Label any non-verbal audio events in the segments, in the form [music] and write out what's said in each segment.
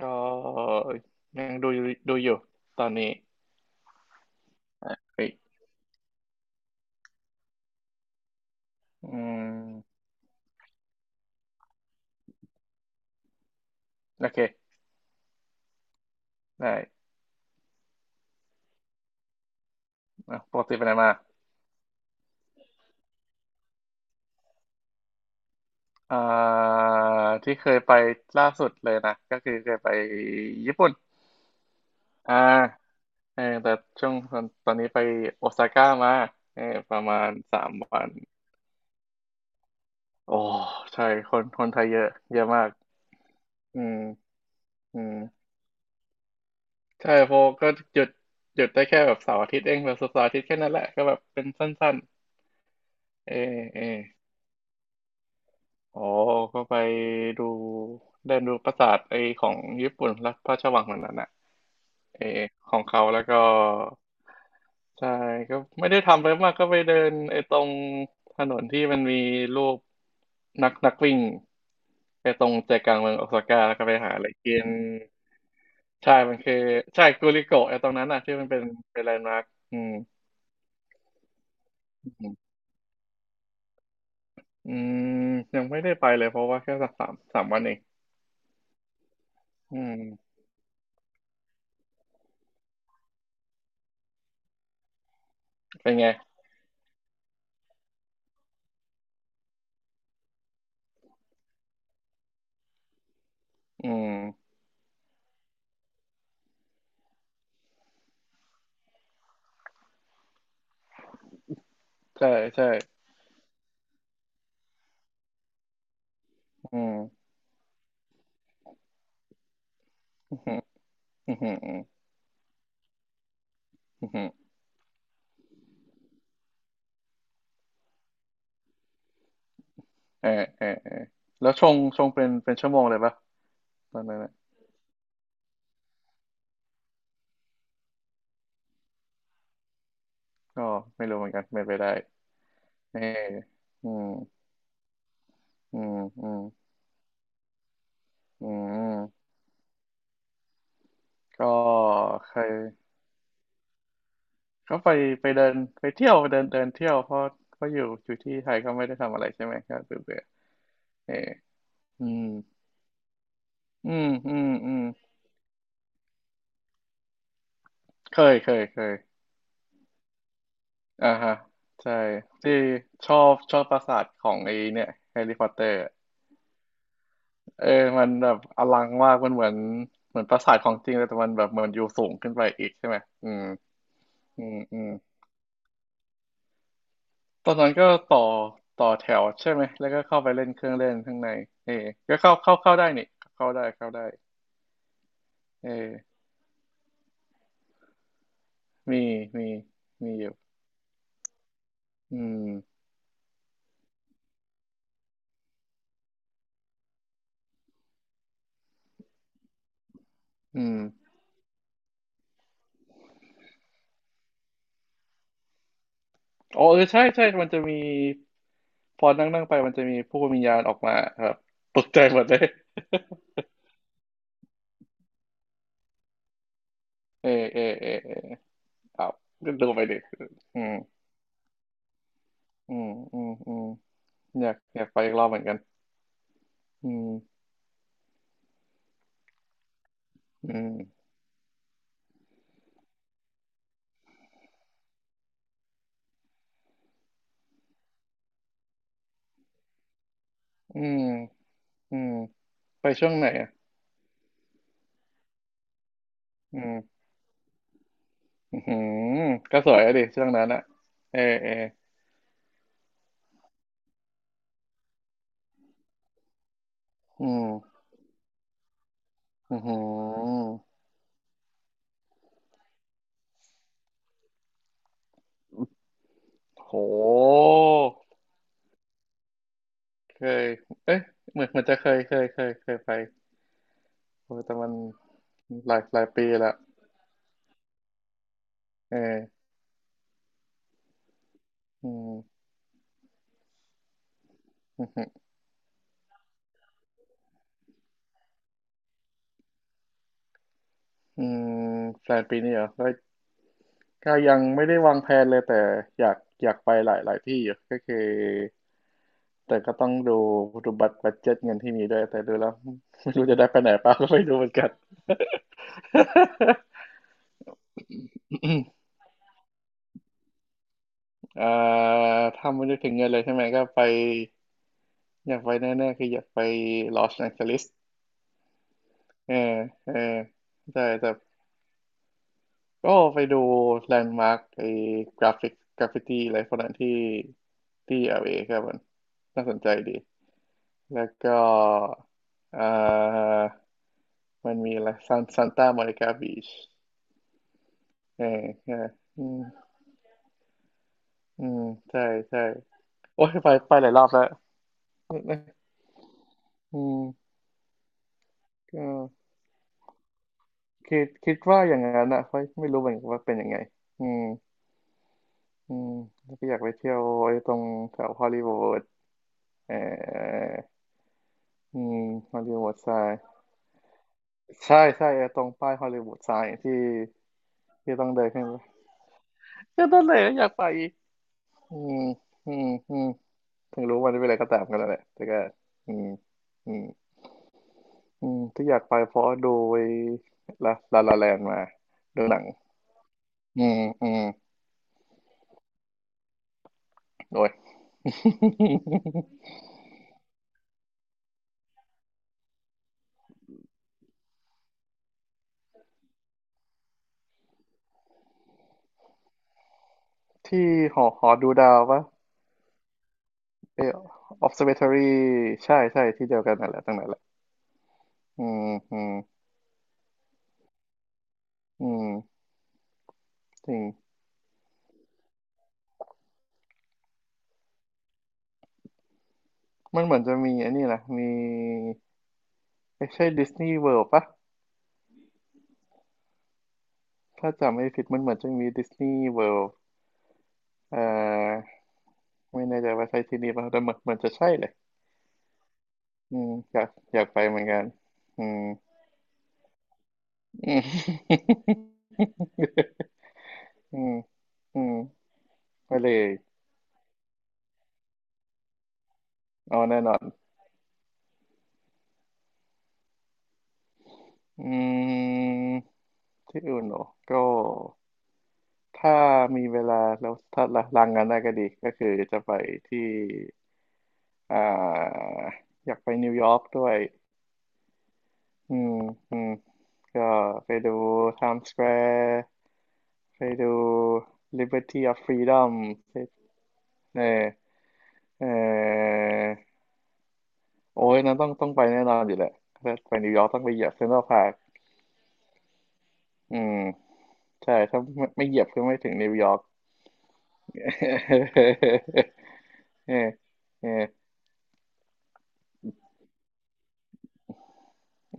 ก็ยังดูอยู่ตอนนี้อ่ะเฮ้ยอืมโอเคได้อ่ะปกติไปไหนมาอ่าที่เคยไปล่าสุดเลยนะก็คือเคยไปญี่ปุ่นอ่าเออแต่ช่วงตอนนี้ไปโอซาก้ามาเออประมาณสามวันโอ้ใช่คนไทยเยอะเยอะมากอืมอืมใช่เพราะก็หยุดหยุดได้แค่แบบเสาร์อาทิตย์เองแบบเสาร์อาทิตย์แค่นั้นแหละก็แบบเป็นสั้นๆเออเออ อ๋อ ก็ไปดูได้ดูปราสาทไอของญี่ปุ่นรัฐพระราชวังเหมือนนั้นอ่ะเออของเขาแล้วก็ใช่ก็ไม่ได้ทำอะไรมากก็ไปเดินไอ้ตรงถนนที่มันมีรูปนักวิ่งไอ้ตรงใจกลางเมืองโอซาก้าแล้วก็ไปหาอะไรกินใช่มันคือใช่กูริโกะไอ้ตรงนั้นอ่ะที่มันเป็นแลนด์มาร์คอืมอืมอืมยังไม่ได้ไปเลยเพราะว่าแค่สักสามวันเองอืมเป็นไงอืม ใช่ใช่อืมอืมออืมออืมอหือเออเออเออแล้วชงเป็นชั่วโมงเลยปะตอนนั้นน่ะก็ไม่รู้เหมือนกันไม่ไปได้เอออืมอืมอืมอืมก็เคยก็ไปเดินไปเที่ยวเดินเดินเที่ยวเพราะอยู่ที่ไทยก็ไม่ได้ทำอะไรใช่ไหมก็เบื่อเบื่อเอออืมอืมอืมอืมเคยเคยเคยอ่าฮะใช่ที่ชอบปราสาทของไอ้เนี่ยแฮร์รี่พอตเตอร์ เออมันแบบอลังมากมันเหมือนเหมือนปราสาทของจริงเลยแต่มันแบบเหมือนอยู่สูงขึ้นไปอีกใช่ไหมอืมอืมอืมตอนนั้นก็ต่อแถวใช่ไหมแล้วก็เข้าไปเล่นเครื่องเล่นข้างในเออก็เข้าได้นี่เข้าได้เข้าได้เออมีมีมีอยู่อืมอืมอ๋อเออใช่ใช่ มันจะมีพอนั่งนั่งไป มันจะมีผู้วิญญาณออกมาครับตกใจหมดเลย [laughs] เออเออเออเออเอาก็ดูไปดิอืมอืมอืมอืม อยากไปอีกรอบเหมือนกันอืมอืมอืมอืมไปช่วงไหนอ่ะ อืมอือหือก็สวยอะดิช่วงนั้นอ่ะเออเอออืมอือหือโหเคยเอ๊ะเหมือนเหมันจะเคยเคยเคยเคยไปโอ้แต่มันหลายหลายปีละเอออืมอือหืออืมแฟนปีนี้เหรอก็ก็ยังไม่ได้วางแผนเลยแต่อยากอยากไปหลายหลายที่อยู่ก็คือ แต่ก็ต้องดูบัดเจ็ตเงินที่มีด้วยแต่ดูแล้ว [laughs] ไม่รู้จะได้ไปไหนเปล่าก็ไม่รู้เหมือนกัน [laughs] เอ่อถ้าไม่ได้ถึงเงินเลยใช่ไหมก็ไปอยากไปแน่ๆคืออยากไปลอสแองเจลิสเออเออใช่แต่ก็ไปดูแลนด์มาร์กไอ้กราฟิกกราฟฟิตี้อะไรพวกนั้นที่ที่ LA ครับมันน่าสนใจดีแล้วก็เอ่อมันมีอะไรซันซานตา o ม i นิกาบีช เออใช่อืมอืมใช่ ใช่โอ้ยไปหลายรอบแล้วอืมก็คิดว่าอย่างนั้นอ่ะไม่รู้เหมือนกันว่าเป็นยังไงอืมอืมแล้วก็อยากไปเที่ยวไอ้ตรงแถวฮอลลีวูดเอออืมฮอลลีวูดทราย ใช่ใช่ไอ้ตรงป้ายฮอลลีวูดทรายที่ที่ต้องเดินขึ้นไปก็นั่นแหละอยากไปอีกอืมอืมอืมถึงรู้วันนี้เป็นอะไรก็ตามกันแล้วแหละแต่ก็ อืมอืม อืมที่อยากไปเพราะดูไอ้ละลาลาแลนมาดูหนังอืมอืมโดย [laughs] ที่หอดูดาวปะเออ observatory ใช่ใช่ที่เดียวกันนั่นแหละตรงนั้นแหละอืมอืมอืมจริงมันเหมือนจะมีอันนี้นะมีไม่ใช่ดิสนีย์เวิลด์ปะถ้าจำไม่ผิดมันเหมือนจะมีดิสนีย์เวิลด์เอ่อไม่แน่ใจว่าใช่ที่นี่ปะแต่เหมือนเหมือนจะใช่เลยอืมอยากไปเหมือนกันอืม [laughs] อืมอืมอืมไปเลยเอาแน่นอนอืมที่อื่นเหรอก็ถ้ามีเวลาแล้วถ้าลางงานได้ก็ดีก็คือจะไปที่อ่าอยากไปนิวยอร์กด้วยอืมอืมก็ไปดู Times Square ไปดู Liberty of Freedom ไปเออเออโอ้ยนั้นต้องไปแน่นอนอยู่แหละถ้าไปนิวยอร์กต้องไปเหยียบเซ็นทรัลพาร์ค อืมใช่ถ้าไม่เหยียบก็ไม่ถึงนิวยอร์กเออเออ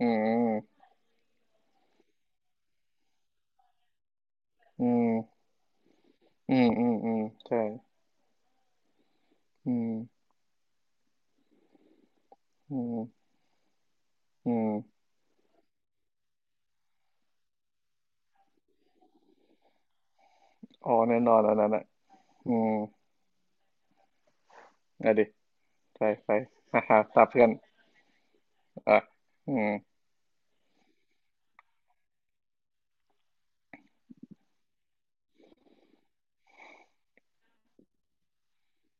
อืมอืมอืมอืมอืมใช่อืมอืมอืมอ๋อแน่นอนอันนั้นอ่ะอืมอ่ะดิใปไปฮ่าฮ่าตาเพื่อนอ่ะอืม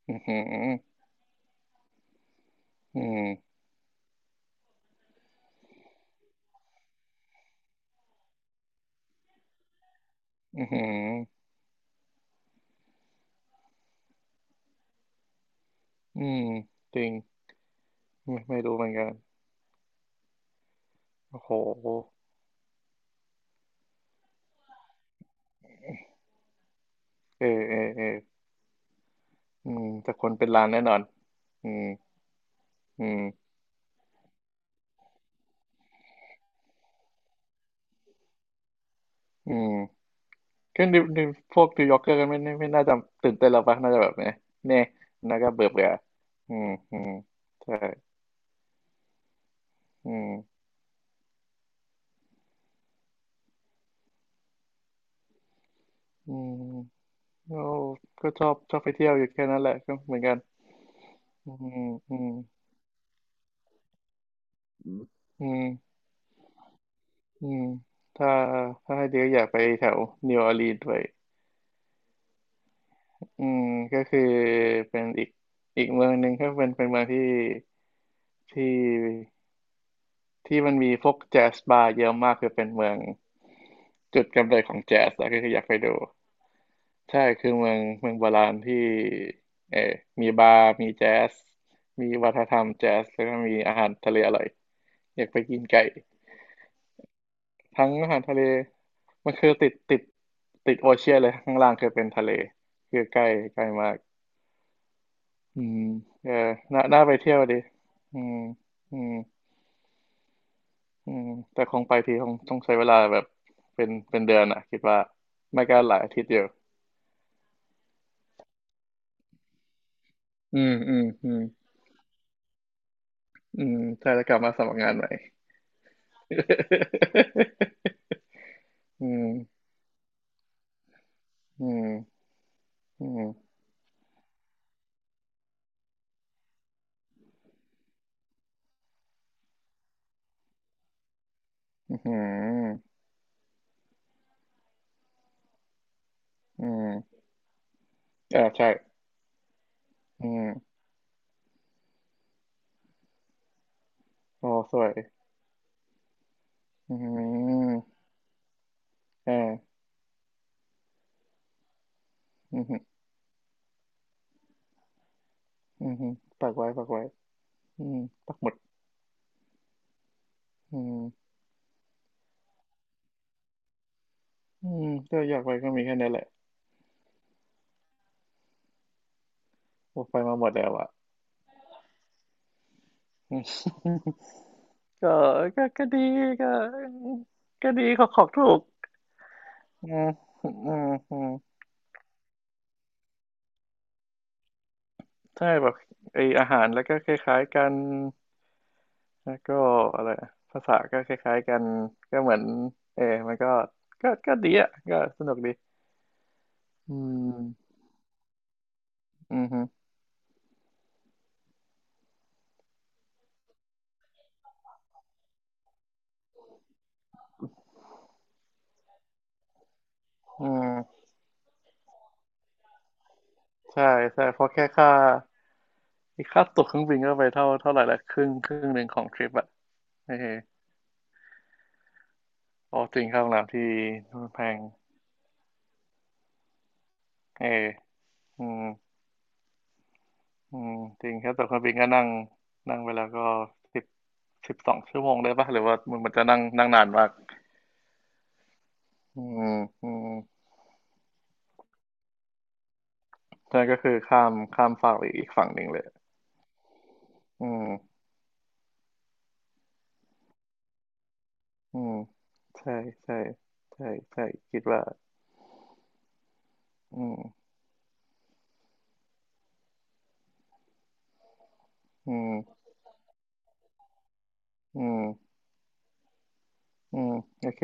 อืมอืมอืมอืมอืมจริงไม่รู้เหมือนกันโอ้โหเออเออเอออืมแต่คนเป็นล้านแน่นอนอืมอืมอืม ก็นิวพวกนิวยอร์กเกอร์กันไม่น่าจะตื่นเต้นแล้วปะน่าจะแบบเนี่ยเน่ยน่าก็เบื่อเบื่ออืมอืมใช่อืมอืมก็ก็ชอบไปเที่ยวอยู่แค่นั้นแหละก็เหมือนกันอืมอืมอืมอืมอืมถ้าถ้าให้เดียวอยากไปแถวนิวออร์ลีนด้วยอืมก็คือเป็นอีกอีกเมืองหนึ่งก็เป็นเมืองที่ที่มันมีพวกแจ๊สบาร์เยอะมากคือเป็นเมืองจุดกำเนิดของแจ๊สอะก็คืออยากไปดู ใช่คือเมืองโบราณที่เออมีบาร์มีแจ๊สมีวัฒนธรรมแจ๊สแล้วก็มีอาหารทะเลอร่อยอยากไปกินไก่ทั้งอาหารทะเลมันคือติดติดโอเชียนเลยข้างล่างคือเป็นทะเลคือใกล้ใกล้มากอืมเออน่าน่าไปเที่ยวดีอืมอืมอืมแต่คงไปทีคงต้องใช้เวลาแบบเป็นเดือนอ่ะคิดว่าไม่ก็หลายอาทิตย์อยู่อืมอืมอืมอืมใช่แล้วกลับมาสมัครงานใหม่ [laughs] อืม อืม อืมอืมอืมอ่าใช่อืมโอ้สวยอืมอ่าอืมอืมปักไว้อืมปักหมดอืมอืมก็อยากไปก็มีแค่นี้แหละโอ้ไปมาหมดแล้วอ่ะอืมก็ก็ดีก็ก็ดีขอของถูกอืมอืมอืมใช่แบบไออาหารแล้วก็คล้ายๆกัน แล้วก็อะไรอะภาษาก็คล้ายๆกัน ก็เหมือนเออมันก็ก็ดีอ่ะก็สนุกดีอืมอืมฮึอืมใช่ใช่เพราะแค่ค่าตั๋วเครื่องบินก็ไปเท่าไหร่ละครึ่งหนึ่งของทริปอ่ะเออโอจริงค่าโรงแรมที่แพงเอออืมอืมจริงแค่าตั๋วเครื่องบินก็นั่ง นั่งไปแล้วก็สิบ12 ชั่วโมงได้ปะหรือว่ามันจะนั่งนั่งนานมาก อืมอืมนั่นก็คือข้ามฝั่งไปอีกฝั่งหนึ่งเลย อืมอืมใช่ใช่ใช่ใช่คิดว่าอืมอืมอืมอืมโอเค